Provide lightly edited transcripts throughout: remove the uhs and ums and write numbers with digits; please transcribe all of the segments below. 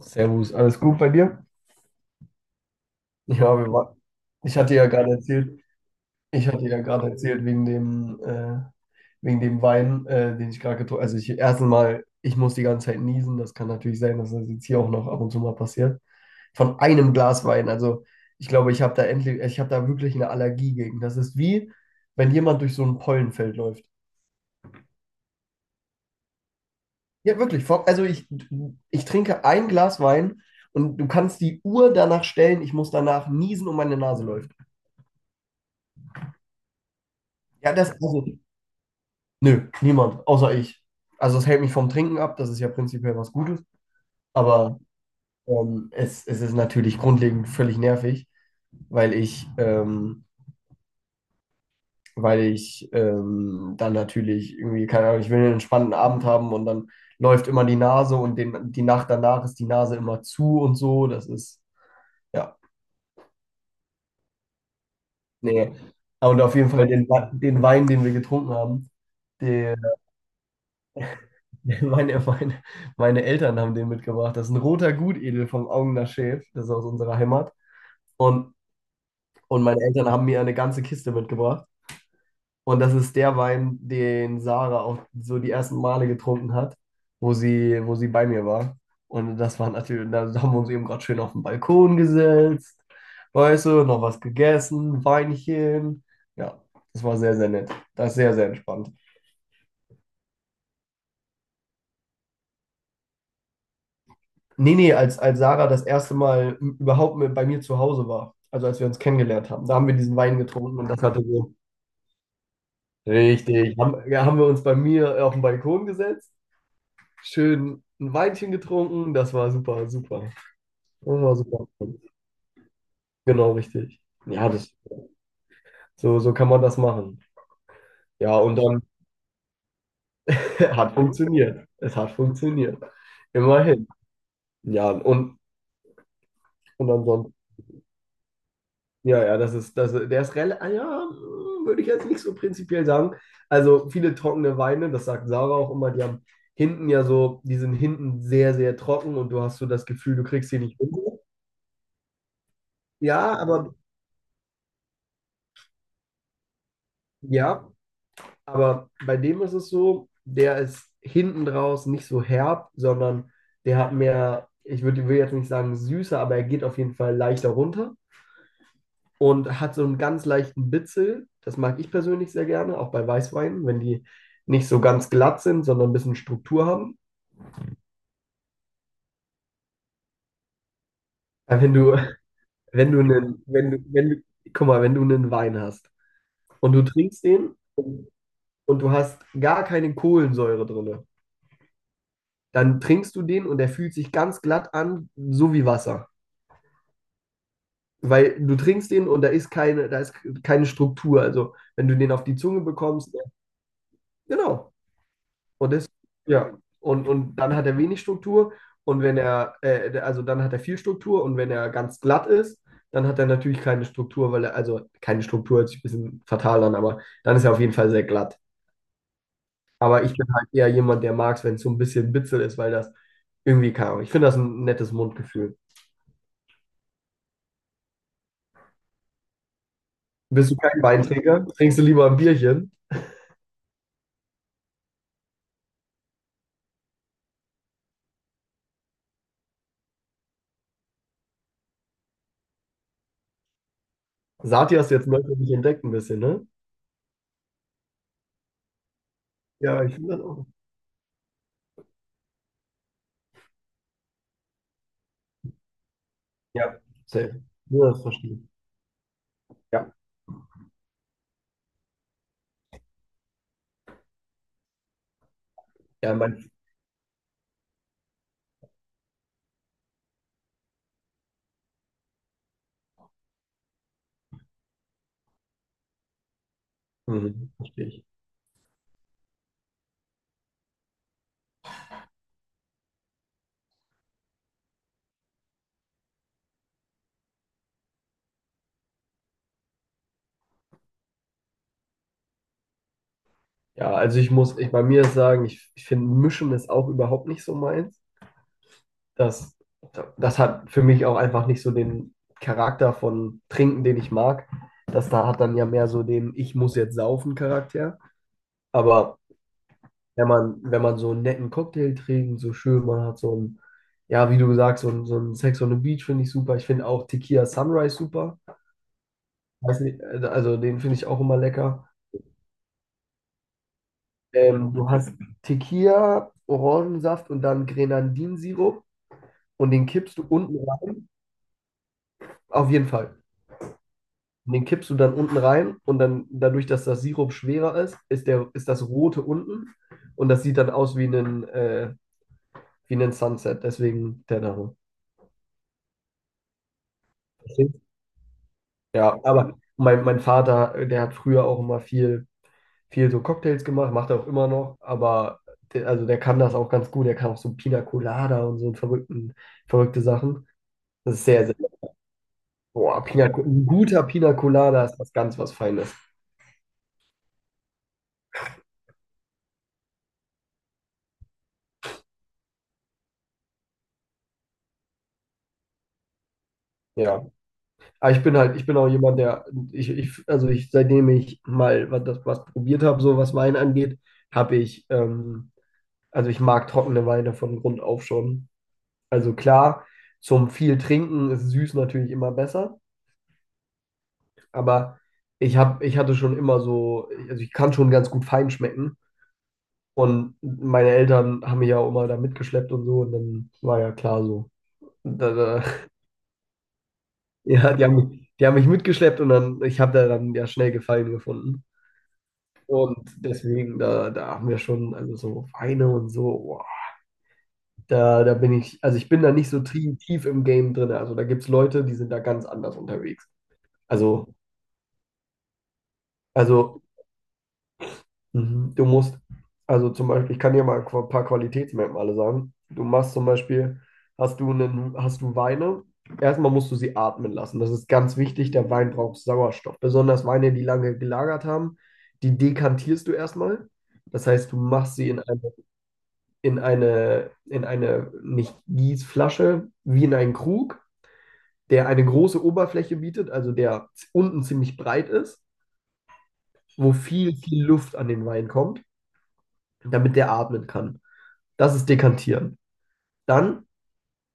Servus, alles gut bei dir? Ja, Ja, wir wa- Ich hatte ja gerade erzählt, wegen dem Wein, den ich gerade getrunken habe. Also ich erstens mal, ich muss die ganze Zeit niesen. Das kann natürlich sein, dass das jetzt hier auch noch ab und zu mal passiert. Von einem Glas Wein. Also ich glaube, ich habe da wirklich eine Allergie gegen. Das ist, wie wenn jemand durch so ein Pollenfeld läuft. Ja, wirklich. Ich trinke ein Glas Wein und du kannst die Uhr danach stellen. Ich muss danach niesen und meine Nase läuft. Ja, das, also, Nö, niemand außer ich. Also es hält mich vom Trinken ab, das ist ja prinzipiell was Gutes, aber es, ist natürlich grundlegend völlig nervig, weil ich dann natürlich irgendwie, keine Ahnung, ich will einen entspannten Abend haben und dann läuft immer die Nase und die Nacht danach ist die Nase immer zu und so. Das ist, ja, nee. Und auf jeden Fall den Wein, den wir getrunken haben, der, Meine, meine, meine Eltern haben den mitgebracht. Das ist ein roter Gutedel vom Augener Schäf. Das ist aus unserer Heimat. Und, und meine Eltern haben mir eine ganze Kiste mitgebracht. Und das ist der Wein, den Sarah auch so die ersten Male getrunken hat, wo sie bei mir war. Und das war natürlich, da haben wir uns eben gerade schön auf den Balkon gesetzt. Weißt du, noch was gegessen, Weinchen. Ja, das war sehr, sehr nett. Das ist sehr, sehr entspannt. Als Sarah das erste Mal überhaupt bei mir zu Hause war, also als wir uns kennengelernt haben, da haben wir diesen Wein getrunken, und das hatte so richtig, haben wir uns bei mir auf den Balkon gesetzt, schön ein Weinchen getrunken, das war super, super. Das war super. Genau, richtig. So, kann man das machen. Ja, und dann hat funktioniert. Es hat funktioniert. Immerhin. Ja, und, und ansonsten. Der ist relativ, ja, würde ich jetzt nicht so prinzipiell sagen. Also viele trockene Weine, das sagt Sarah auch immer, die haben hinten ja so, die sind hinten sehr, sehr trocken und du hast so das Gefühl, du kriegst sie nicht runter. Ja, aber ja, aber bei dem ist es so, der ist hinten draus nicht so herb, sondern der hat mehr, will jetzt nicht sagen süßer, aber er geht auf jeden Fall leichter runter. Und hat so einen ganz leichten Bitzel. Das mag ich persönlich sehr gerne, auch bei Weißweinen, wenn die nicht so ganz glatt sind, sondern ein bisschen Struktur haben. Aber Wenn du, wenn du einen, wenn du, wenn du, guck mal, wenn du einen Wein hast und du trinkst den und du hast gar keine Kohlensäure drin, dann trinkst du den und der fühlt sich ganz glatt an, so wie Wasser. Weil du trinkst den und da ist keine Struktur. Also wenn du den auf die Zunge bekommst, genau. Und das, und dann hat er wenig Struktur, und wenn also dann hat er viel Struktur, und wenn er ganz glatt ist, dann hat er natürlich keine Struktur, weil er, also keine Struktur hört sich ein bisschen fatal an, aber dann ist er auf jeden Fall sehr glatt. Aber ich bin halt eher jemand, der mag es, wenn es so ein bisschen bitzel ist, weil das irgendwie kann. Ich finde das ein nettes Mundgefühl. Bist du kein Weintrinker? Trinkst du lieber ein Bierchen? Sati hast du jetzt neu für dich entdeckt ein bisschen, ne? Ja, ich finde das auch. Ja, safe. Ja, das verstehe ich. Ja, ja, mein, mhm, verstehe ich. Ja, also ich bei mir sagen, ich finde Mischen ist auch überhaupt nicht so meins. Das, das hat für mich auch einfach nicht so den Charakter von Trinken, den ich mag. Das da hat dann ja mehr so den Ich muss jetzt saufen Charakter. Aber wenn man so einen netten Cocktail trinkt, so schön, man hat so ein, ja, wie du sagst, so ein Sex on the Beach finde ich super. Ich finde auch Tequila Sunrise super. Weiß nicht, also den finde ich auch immer lecker. Du hast Tequila, Orangensaft und dann Grenadinsirup, und den kippst du unten rein. Auf jeden Fall. Und den kippst du dann unten rein, und dann dadurch, dass das Sirup schwerer ist, ist das Rote unten, und das sieht dann aus wie wie ein Sunset. Deswegen der Name. Mein Vater, der hat früher auch immer viel so Cocktails gemacht, macht er auch immer noch, aber der, also der kann das auch ganz gut. Der kann auch so Pina Colada und so verrückte Sachen. Das ist sehr, sehr. Boah, Pina, ein guter Pina Colada ist was ganz was Feines. Ja. Aber ich bin halt, ich bin auch jemand, der, ich, also ich, seitdem ich mal was probiert habe, so was Wein angeht, habe ich, ähm, also ich mag trockene Weine von Grund auf schon. Also klar, zum viel Trinken ist süß natürlich immer besser, aber ich hatte schon immer so, also ich kann schon ganz gut fein schmecken, und meine Eltern haben mich ja auch immer da mitgeschleppt und so, und dann war ja klar so. Da, da, ja, die haben, die haben mich mitgeschleppt, und dann, ich habe da dann ja schnell Gefallen gefunden. Und deswegen, da haben wir schon, also so Weine und so, boah, da bin ich, also ich bin da nicht so tief im Game drin. Also da gibt es Leute, die sind da ganz anders unterwegs. Also, also mhm. du musst, also zum Beispiel, ich kann dir mal ein paar Qualitätsmerkmale sagen. Du machst zum Beispiel, hast du einen, hast du Weine, erstmal musst du sie atmen lassen. Das ist ganz wichtig, der Wein braucht Sauerstoff. Besonders Weine, die lange gelagert haben, die dekantierst du erstmal. Das heißt, du machst sie in eine, nicht Gießflasche, wie in einen Krug, der eine große Oberfläche bietet, also der unten ziemlich breit ist, wo viel Luft an den Wein kommt, damit der atmen kann. Das ist Dekantieren. Dann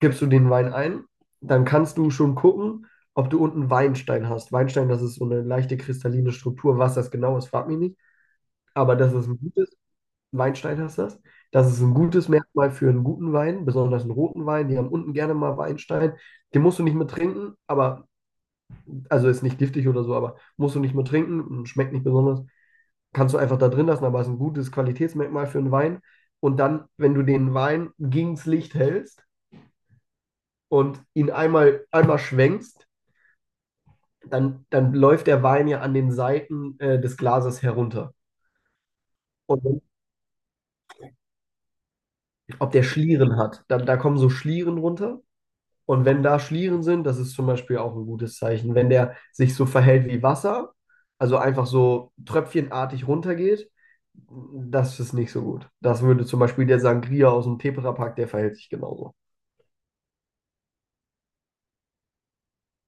gibst du den Wein ein, dann kannst du schon gucken, ob du unten Weinstein hast. Weinstein, das ist so eine leichte kristalline Struktur. Was das genau ist, frag mich nicht. Aber das ist ein gutes Weinstein heißt das. Das ist ein gutes Merkmal für einen guten Wein, besonders einen roten Wein. Die haben unten gerne mal Weinstein. Den musst du nicht mehr trinken, aber, also ist nicht giftig oder so, aber musst du nicht mehr trinken, und schmeckt nicht besonders. Kannst du einfach da drin lassen, aber ist ein gutes Qualitätsmerkmal für einen Wein. Und dann, wenn du den Wein gegens Licht hältst und ihn einmal schwenkst, dann läuft der Wein ja an den Seiten des Glases herunter. Und wenn- ob der Schlieren hat, da kommen so Schlieren runter. Und wenn da Schlieren sind, das ist zum Beispiel auch ein gutes Zeichen. Wenn der sich so verhält wie Wasser, also einfach so tröpfchenartig runtergeht, das ist nicht so gut. Das würde zum Beispiel der Sangria aus dem Tetrapack, der verhält sich genauso.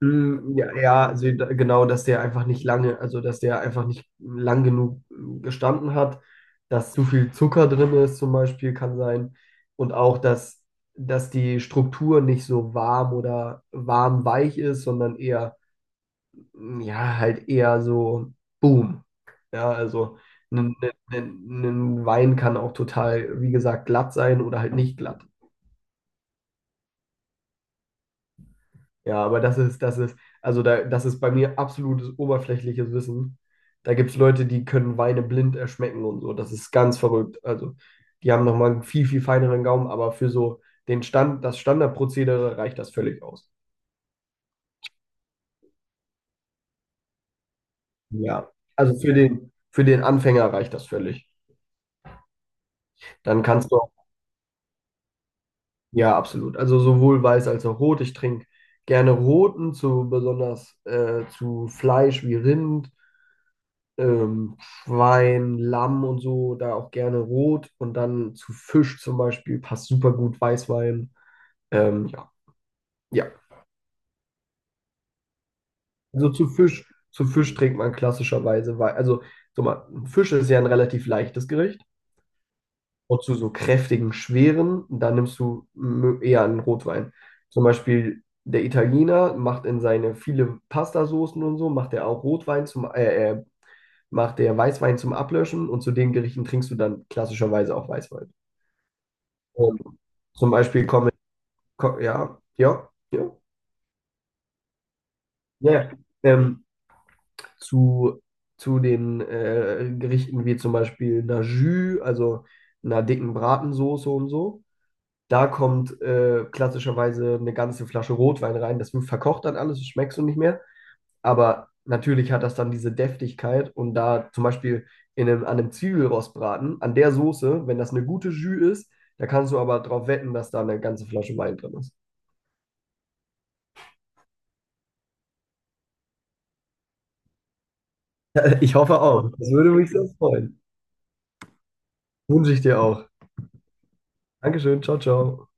Ja, also genau, dass der einfach nicht lange, also dass der einfach nicht lang genug gestanden hat, dass zu viel Zucker drin ist zum Beispiel, kann sein. Und auch, dass die Struktur nicht so warm oder warm-weich ist, sondern eher ja, halt eher so Boom. Ja, also ein, ein Wein kann auch total, wie gesagt, glatt sein oder halt nicht glatt. Das ist, also da, das ist bei mir absolutes oberflächliches Wissen. Da gibt es Leute, die können Weine blind erschmecken und so. Das ist ganz verrückt. Also, die haben nochmal einen viel, viel feineren Gaumen, aber für so den Stand, das Standardprozedere reicht das völlig aus. Ja. Also für den Anfänger reicht das völlig. Dann kannst du Ja, absolut. Also sowohl weiß als auch rot. Ich trinke gerne roten, zu besonders zu Fleisch wie Rind, Schwein, Lamm und so, da auch gerne rot. Und dann zu Fisch zum Beispiel passt super gut Weißwein. Ähm, ja, ja. Also zu Fisch trinkt man klassischerweise also, so mal, Fisch ist ja ein relativ leichtes Gericht. Und zu so kräftigen, schweren, dann nimmst du eher einen Rotwein. Zum Beispiel der Italiener macht in seine viele Pastasoßen und so, macht er auch Rotwein macht der Weißwein zum Ablöschen, und zu den Gerichten trinkst du dann klassischerweise auch Weißwein. Und zum Beispiel kommen, ko- Ja, ja, ja. ähm, zu, zu den Gerichten wie zum Beispiel einer Jus, also einer dicken Bratensoße und so. Da kommt klassischerweise eine ganze Flasche Rotwein rein. Das wird verkocht dann alles, das schmeckst du nicht mehr. Aber natürlich hat das dann diese Deftigkeit. Und da zum Beispiel an einem Zwiebelrostbraten, an der Soße, wenn das eine gute Jus ist, da kannst du aber drauf wetten, dass da eine ganze Flasche Wein drin ist. Ich hoffe auch. Das würde mich sehr freuen. Wünsche ich dir auch. Dankeschön. Ciao, ciao.